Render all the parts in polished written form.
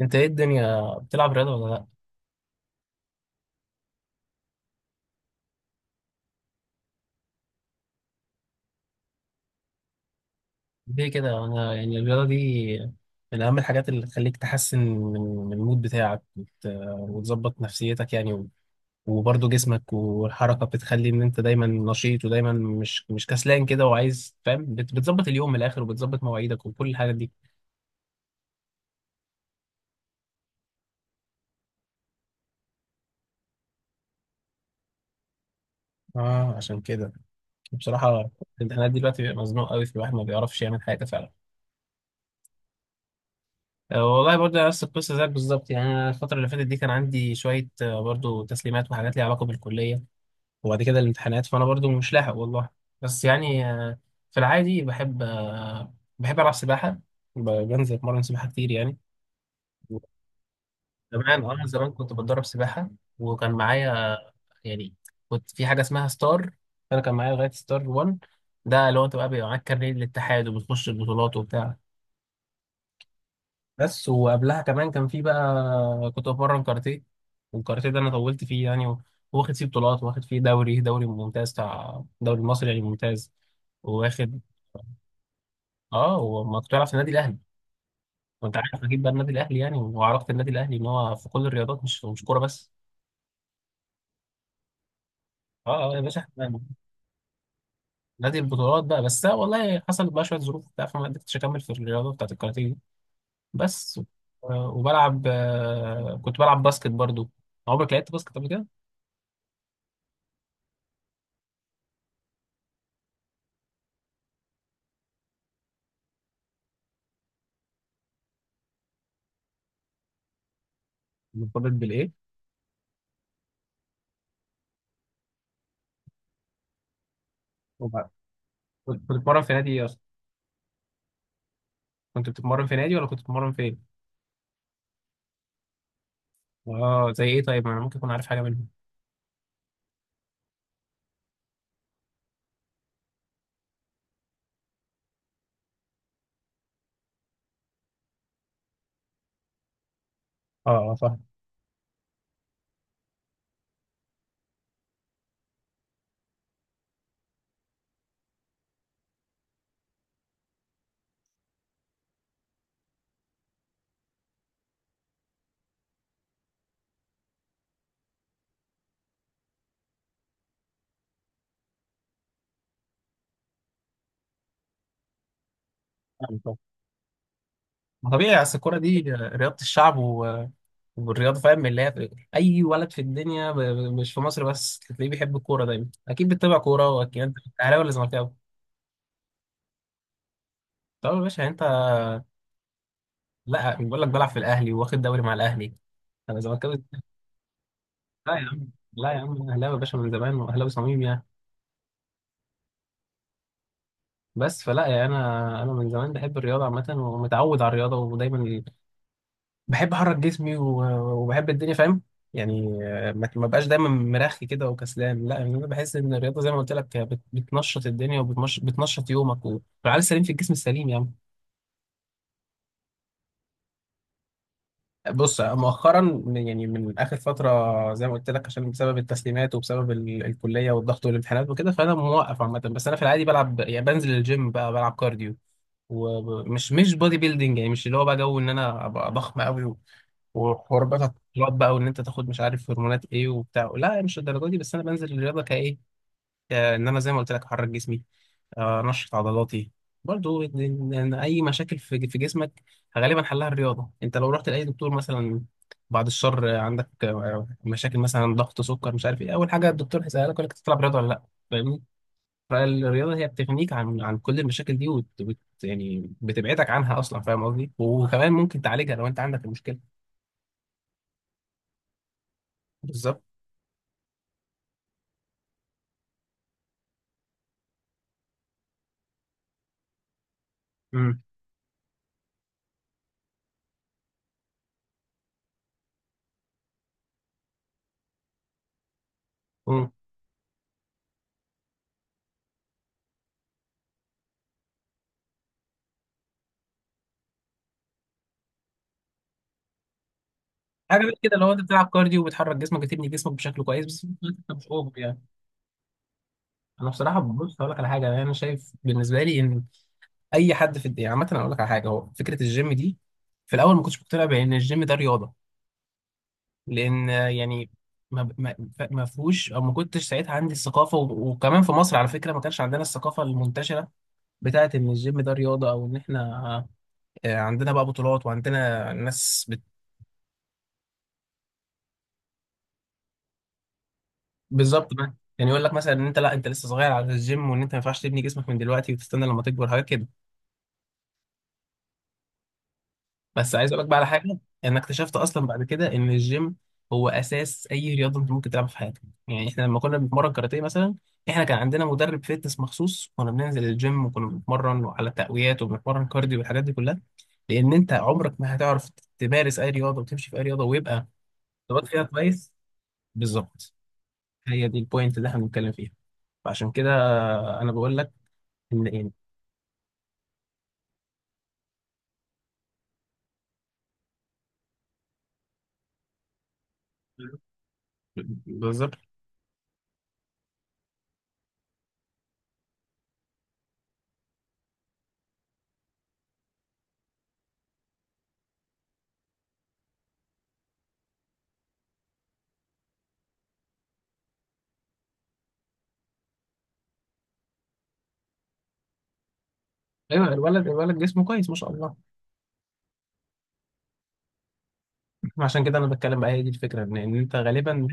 انت ايه الدنيا بتلعب رياضة ولا لا؟ ليه كده؟ انا يعني الرياضة دي من اهم الحاجات اللي تخليك تحسن من من المود بتاعك وتظبط نفسيتك يعني وبرضه جسمك والحركة بتخلي ان انت دايما نشيط ودايما مش كسلان كده وعايز فاهم بتظبط اليوم من الاخر وبتظبط مواعيدك وكل الحاجات دي. اه عشان كده بصراحة، الامتحانات دلوقتي بيبقى مزنوق قوي في الواحد ما بيعرفش يعمل حاجة فعلا. والله برضه نفس القصة زيك بالظبط يعني، أنا الفترة اللي فاتت دي كان عندي شوية برضه تسليمات وحاجات ليها علاقة بالكلية، وبعد كده الامتحانات فانا برضو مش لاحق والله. بس يعني في العادي بحب بحب العب سباحه. بنزل اتمرن سباحه كتير يعني. زمان، انا زمان كنت بتدرب سباحه، وكان معايا يعني، كنت في حاجه اسمها ستار. انا كان معايا لغايه ستار 1، ده اللي هو انت بقى بيبقى معاك كارنيه للاتحاد وبتخش البطولات وبتاع. بس وقبلها كمان كان في بقى، كنت بتمرن كاراتيه، والكاراتيه ده انا طولت فيه يعني واخد فيه بطولات، واخد فيه دوري ممتاز بتاع دوري مصري يعني ممتاز. واخد اه. وما كنت بلعب في النادي الاهلي، وانت عارف اكيد بقى النادي الاهلي يعني وعلاقه النادي الاهلي ان هو في كل الرياضات، مش كوره بس. اه اه يا باشا، احنا نادي البطولات بقى. بس أنا والله حصل بقى شويه ظروف بتاع فما قدرتش اكمل في الرياضه بتاعت الكاراتيه دي بس. وبلعب كنت بلعب باسكت برضو. عمرك لعبت باسكت قبل كده؟ مرتبط بالايه؟ كنت بتتمرن في نادي ايه اصلا؟ كنت بتتمرن في نادي ولا كنت بتتمرن فين؟ اه زي ايه طيب، ما انا ممكن اكون عارف حاجه منهم. اه اه فاهم. فاهم طبعا. ما طبيعي، اصل الكوره دي رياضه الشعب والرياضه فاهم اللي هي اي ولد في الدنيا مش في مصر بس تلاقيه بيحب الكوره، دايما اكيد بتتابع كوره، واكيد انت اهلاوي ولا زملكاوي. طب يا باشا انت، لا بقول لك بلعب في الاهلي واخد دوري مع الاهلي. انا زملكاوي. لا يا عم، لا يا عم، أنا اهلاوي يا باشا من زمان، واهلاوي صميم يعني. بس فلا يعني، انا انا من زمان بحب الرياضه عامه ومتعود على الرياضه ودايما بحب احرك جسمي وبحب الدنيا فاهم. يعني ما بقاش دايما مرخي كده وكسلان، لا، يعني انا بحس ان الرياضه زي ما قلت لك بتنشط الدنيا وبتنشط يومك، والعقل السليم في الجسم السليم يعني. بص مؤخرا يعني من اخر فتره زي ما قلت لك، عشان بسبب التسليمات وبسبب الكليه والضغط والامتحانات وكده، فانا موقف عامه. بس انا في العادي بلعب يعني بنزل الجيم، بقى بلعب كارديو، ومش مش بودي بيلدينج يعني، مش اللي هو بقى جو ان انا ابقى ضخم قوي وحوار بقى التطلعات، بقى وان انت تاخد مش عارف هرمونات ايه وبتاع، لا مش الدرجه دي، بس انا بنزل الرياضه كايه ان انا زي ما قلت لك احرك جسمي، انشط عضلاتي. برضو إن اي مشاكل في في جسمك غالبا حلها الرياضه. انت لو رحت لاي دكتور مثلا، بعد الشر عندك مشاكل مثلا ضغط سكر مش عارف ايه، اول حاجه الدكتور هيسالك يقول لك تلعب رياضه ولا لا، فاهمني؟ فالرياضه هي بتغنيك عن عن كل المشاكل دي، يعني بتبعدك عنها اصلا فاهم قصدي، وكمان ممكن تعالجها لو انت عندك المشكله. بالظبط. مم. حاجه بقى كده، لو انت بتلعب كارديو وبتحرك جسمك، بتبني جسمك بشكل كويس بس انت مش اوفر يعني. انا بصراحه ببص اقول لك على حاجه، انا شايف بالنسبه لي ان اي حد في الدنيا عامه، اقول لك على حاجه، هو فكره الجيم دي. في الاول ما كنتش مقتنع بان الجيم ده رياضه، لان يعني ما ما فيهوش، او ما كنتش ساعتها عندي الثقافه وكمان في مصر على فكره ما كانش عندنا الثقافه المنتشره بتاعت ان الجيم ده رياضه، او ان احنا عندنا بقى بطولات وعندنا ناس. بالظبط بقى يعني، يقول لك مثلا ان انت لا انت لسه صغير على الجيم، وان انت ما ينفعش تبني جسمك من دلوقتي، وتستنى لما تكبر، حاجات كده. بس عايز اقول لك بقى على حاجه، انا اكتشفت اصلا بعد كده ان الجيم هو اساس اي رياضه انت ممكن تلعبها في حياتك. يعني احنا لما كنا بنتمرن كاراتيه مثلا، احنا كان عندنا مدرب فيتنس مخصوص، كنا بننزل الجيم وكنا بنتمرن على التقويات وبنتمرن كارديو والحاجات دي كلها، لان انت عمرك ما هتعرف تمارس اي رياضه وتمشي في اي رياضه ويبقى تبقى فيها كويس. بالظبط. هي دي البوينت اللي احنا بنتكلم فيها، فعشان كده انا بقول لك ان يعني، بالظبط. ايوه، الولد جسمه كويس ما شاء الله. عشان كده انا بتكلم بقى، هي دي الفكره، ان إن انت غالبا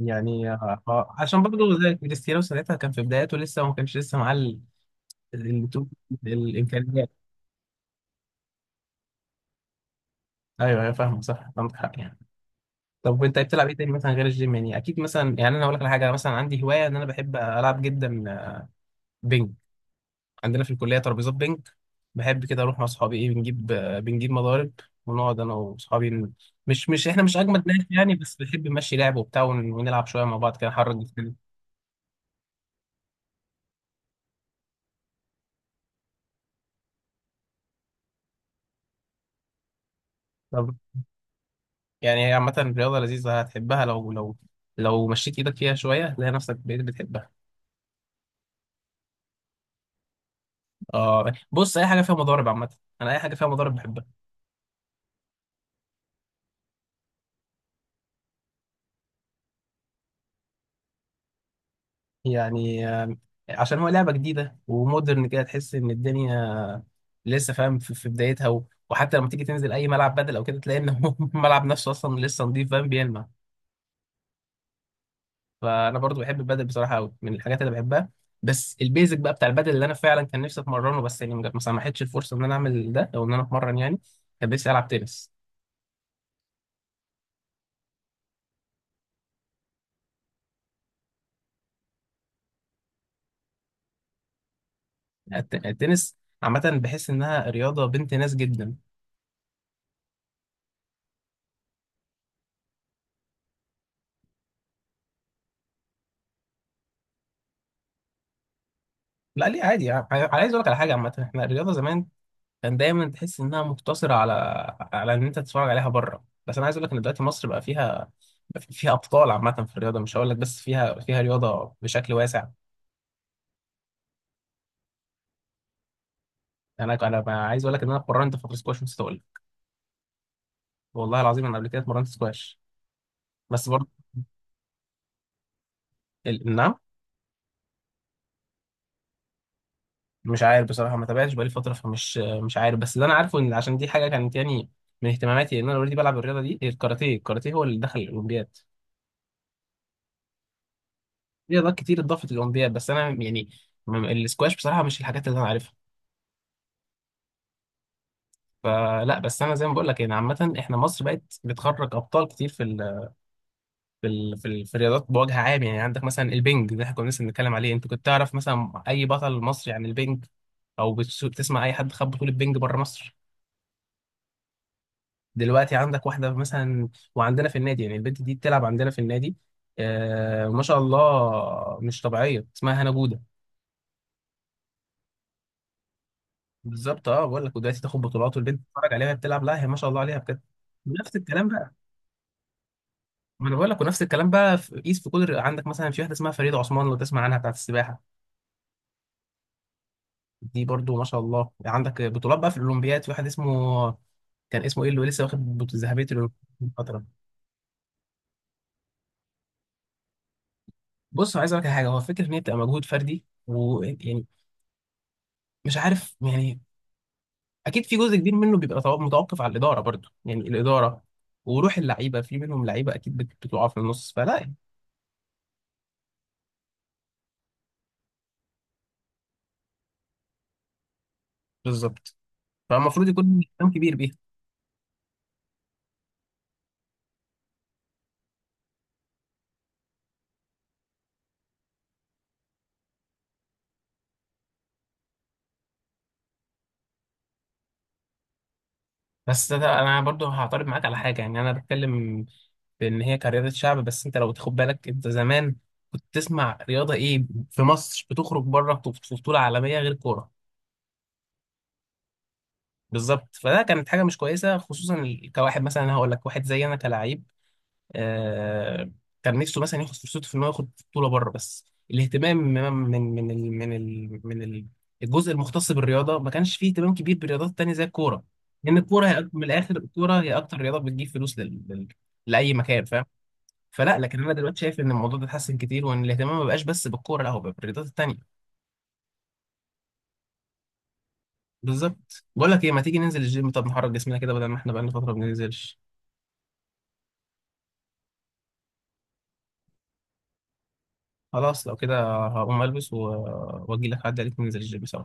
يعني عشان برضه زي كريستيانو ساعتها كان في بداياته لسه، وما كانش لسه معاه ال- الامكانيات. ايوه ايوه فاهمه صح، عندك حق يعني. طب وانت بتلعب ايه تاني مثلا غير الجيم يعني؟ اكيد مثلا، يعني انا هقول لك على حاجه، مثلا عندي هوايه ان انا بحب العب جدا بينج. عندنا في الكلية ترابيزات بينج، بحب كده أروح مع أصحابي إيه بنجيب بنجيب مضارب ونقعد أنا وأصحابي مش إحنا مش أجمد ناس يعني، بس بنحب نمشي لعب وبتاع ونلعب شوية مع بعض كده، نحرك جسمنا. طب يعني هي عامة رياضة لذيذة، هتحبها لو لو لو مشيت إيدك فيها شوية هتلاقي نفسك بقيت بتحبها. آه بص، أي حاجة فيها مضارب عامة أنا أي حاجة فيها مضارب بحبها. يعني عشان هو لعبة جديدة ومودرن كده، تحس إن الدنيا لسه فاهم في في بدايتها، وحتى لما تيجي تنزل أي ملعب بدل أو كده، تلاقي إن هو الملعب نفسه أصلا لسه نضيف فاهم بيلمع. فأنا برضو بحب البدل بصراحة أوي، من الحاجات اللي بحبها. بس البيزك بقى بتاع البدل اللي أنا فعلا كان نفسي أتمرنه، بس يعني ما سمحتش الفرصة إن أنا أعمل ده، أو إن أنا أتمرن يعني. كان نفسي ألعب تنس. التنس عامة بحس إنها رياضة بنت ناس جدا. لا ليه، عادي. عايز أقول لك على حاجة عامة، إحنا الرياضة زمان كان دايما تحس انها مقتصره على على ان انت تتفرج عليها بره، بس انا عايز اقول لك ان دلوقتي مصر بقى فيها فيها ابطال عامه في الرياضه، مش هقول لك بس فيها فيها رياضه بشكل واسع. انا انا بقى عايز اقول لك ان انا اتمرنت فتره سكواش، نسيت اقول لك. والله العظيم انا قبل كده اتمرنت سكواش بس برضه. نعم. مش عارف بصراحه، ما تابعتش بقالي فتره، فمش مش عارف، بس اللي انا عارفه ان عشان دي حاجه كانت يعني من اهتماماتي ان انا اوريدي بلعب الرياضه دي هي الكاراتيه، الكاراتيه هو اللي دخل الاولمبياد. في رياضات كتير اتضافت للاولمبياد، بس انا يعني السكواش بصراحه مش الحاجات اللي انا عارفها، فلا. بس انا زي ما بقول لك يعني عامه، احنا مصر بقت بتخرج ابطال كتير في ال في ال في, ال في الرياضات بوجه عام. يعني عندك مثلا البنج ده احنا كنا لسه بنتكلم عليه، انت كنت تعرف مثلا اي بطل مصري عن البنج، او بتسمع اي حد خد بطوله بنج بره مصر؟ دلوقتي عندك واحده مثلا، وعندنا في النادي، يعني البنت دي بتلعب عندنا في النادي، آه ما شاء الله مش طبيعيه، اسمها هنا جوده. بالظبط، اه بقول لك، ودلوقتي تاخد بطولات والبنت تتفرج عليها بتلعب، لا هي ما شاء الله عليها بجد. نفس الكلام بقى، ما انا بقول لك، ونفس الكلام بقى في قيس في كل الرياضة. عندك مثلا في واحده اسمها فريده عثمان لو تسمع عنها، بتاعت السباحه. دي برضو ما شاء الله عندك بطولات بقى في الاولمبياد. في واحد اسمه كان اسمه ايه اللي لسه واخد ذهبيه الاولمبياد من فتره. بص عايز اقول لك على حاجه، هو فكره ان هي بتبقى مجهود فردي ويعني مش عارف يعني، اكيد في جزء كبير منه بيبقى متوقف على الاداره، برضو يعني الاداره وروح اللعيبه، في منهم لعيبه اكيد بتقع في النص، فلا. بالظبط، فالمفروض يكون اهتمام كبير بيها. بس ده انا برضو هعترض معاك على حاجه يعني. انا بتكلم بان هي كرياضه شعب، بس انت لو تاخد بالك انت زمان كنت تسمع رياضه ايه في مصر بتخرج بره في بطوله عالميه غير كوره؟ بالظبط. فده كانت حاجه مش كويسه، خصوصا كواحد مثلا، أنا هقول لك واحد زي انا كلاعب آه، كان نفسه مثلا ياخد فرصته في انه ياخد بطوله بره، بس الاهتمام من من ال من ال من ال- الجزء المختص بالرياضه، ما كانش فيه اهتمام كبير بالرياضات التانيه زي الكوره، لان الكوره هي من الاخر، الكوره هي اكتر رياضه بتجيب فلوس لاي مكان فاهم. فلا، لكن انا دلوقتي شايف ان الموضوع ده اتحسن كتير، وان الاهتمام ما بقاش بس بالكوره، لا هو بقى بالرياضات التانيه. بالظبط، بقول لك ايه، ما تيجي ننزل الجيم، طب نحرك جسمنا كده، بدل ما احنا بقالنا فتره ما بننزلش. خلاص لو كده هقوم البس واجي لك عدى عليك ننزل الجيم سوا.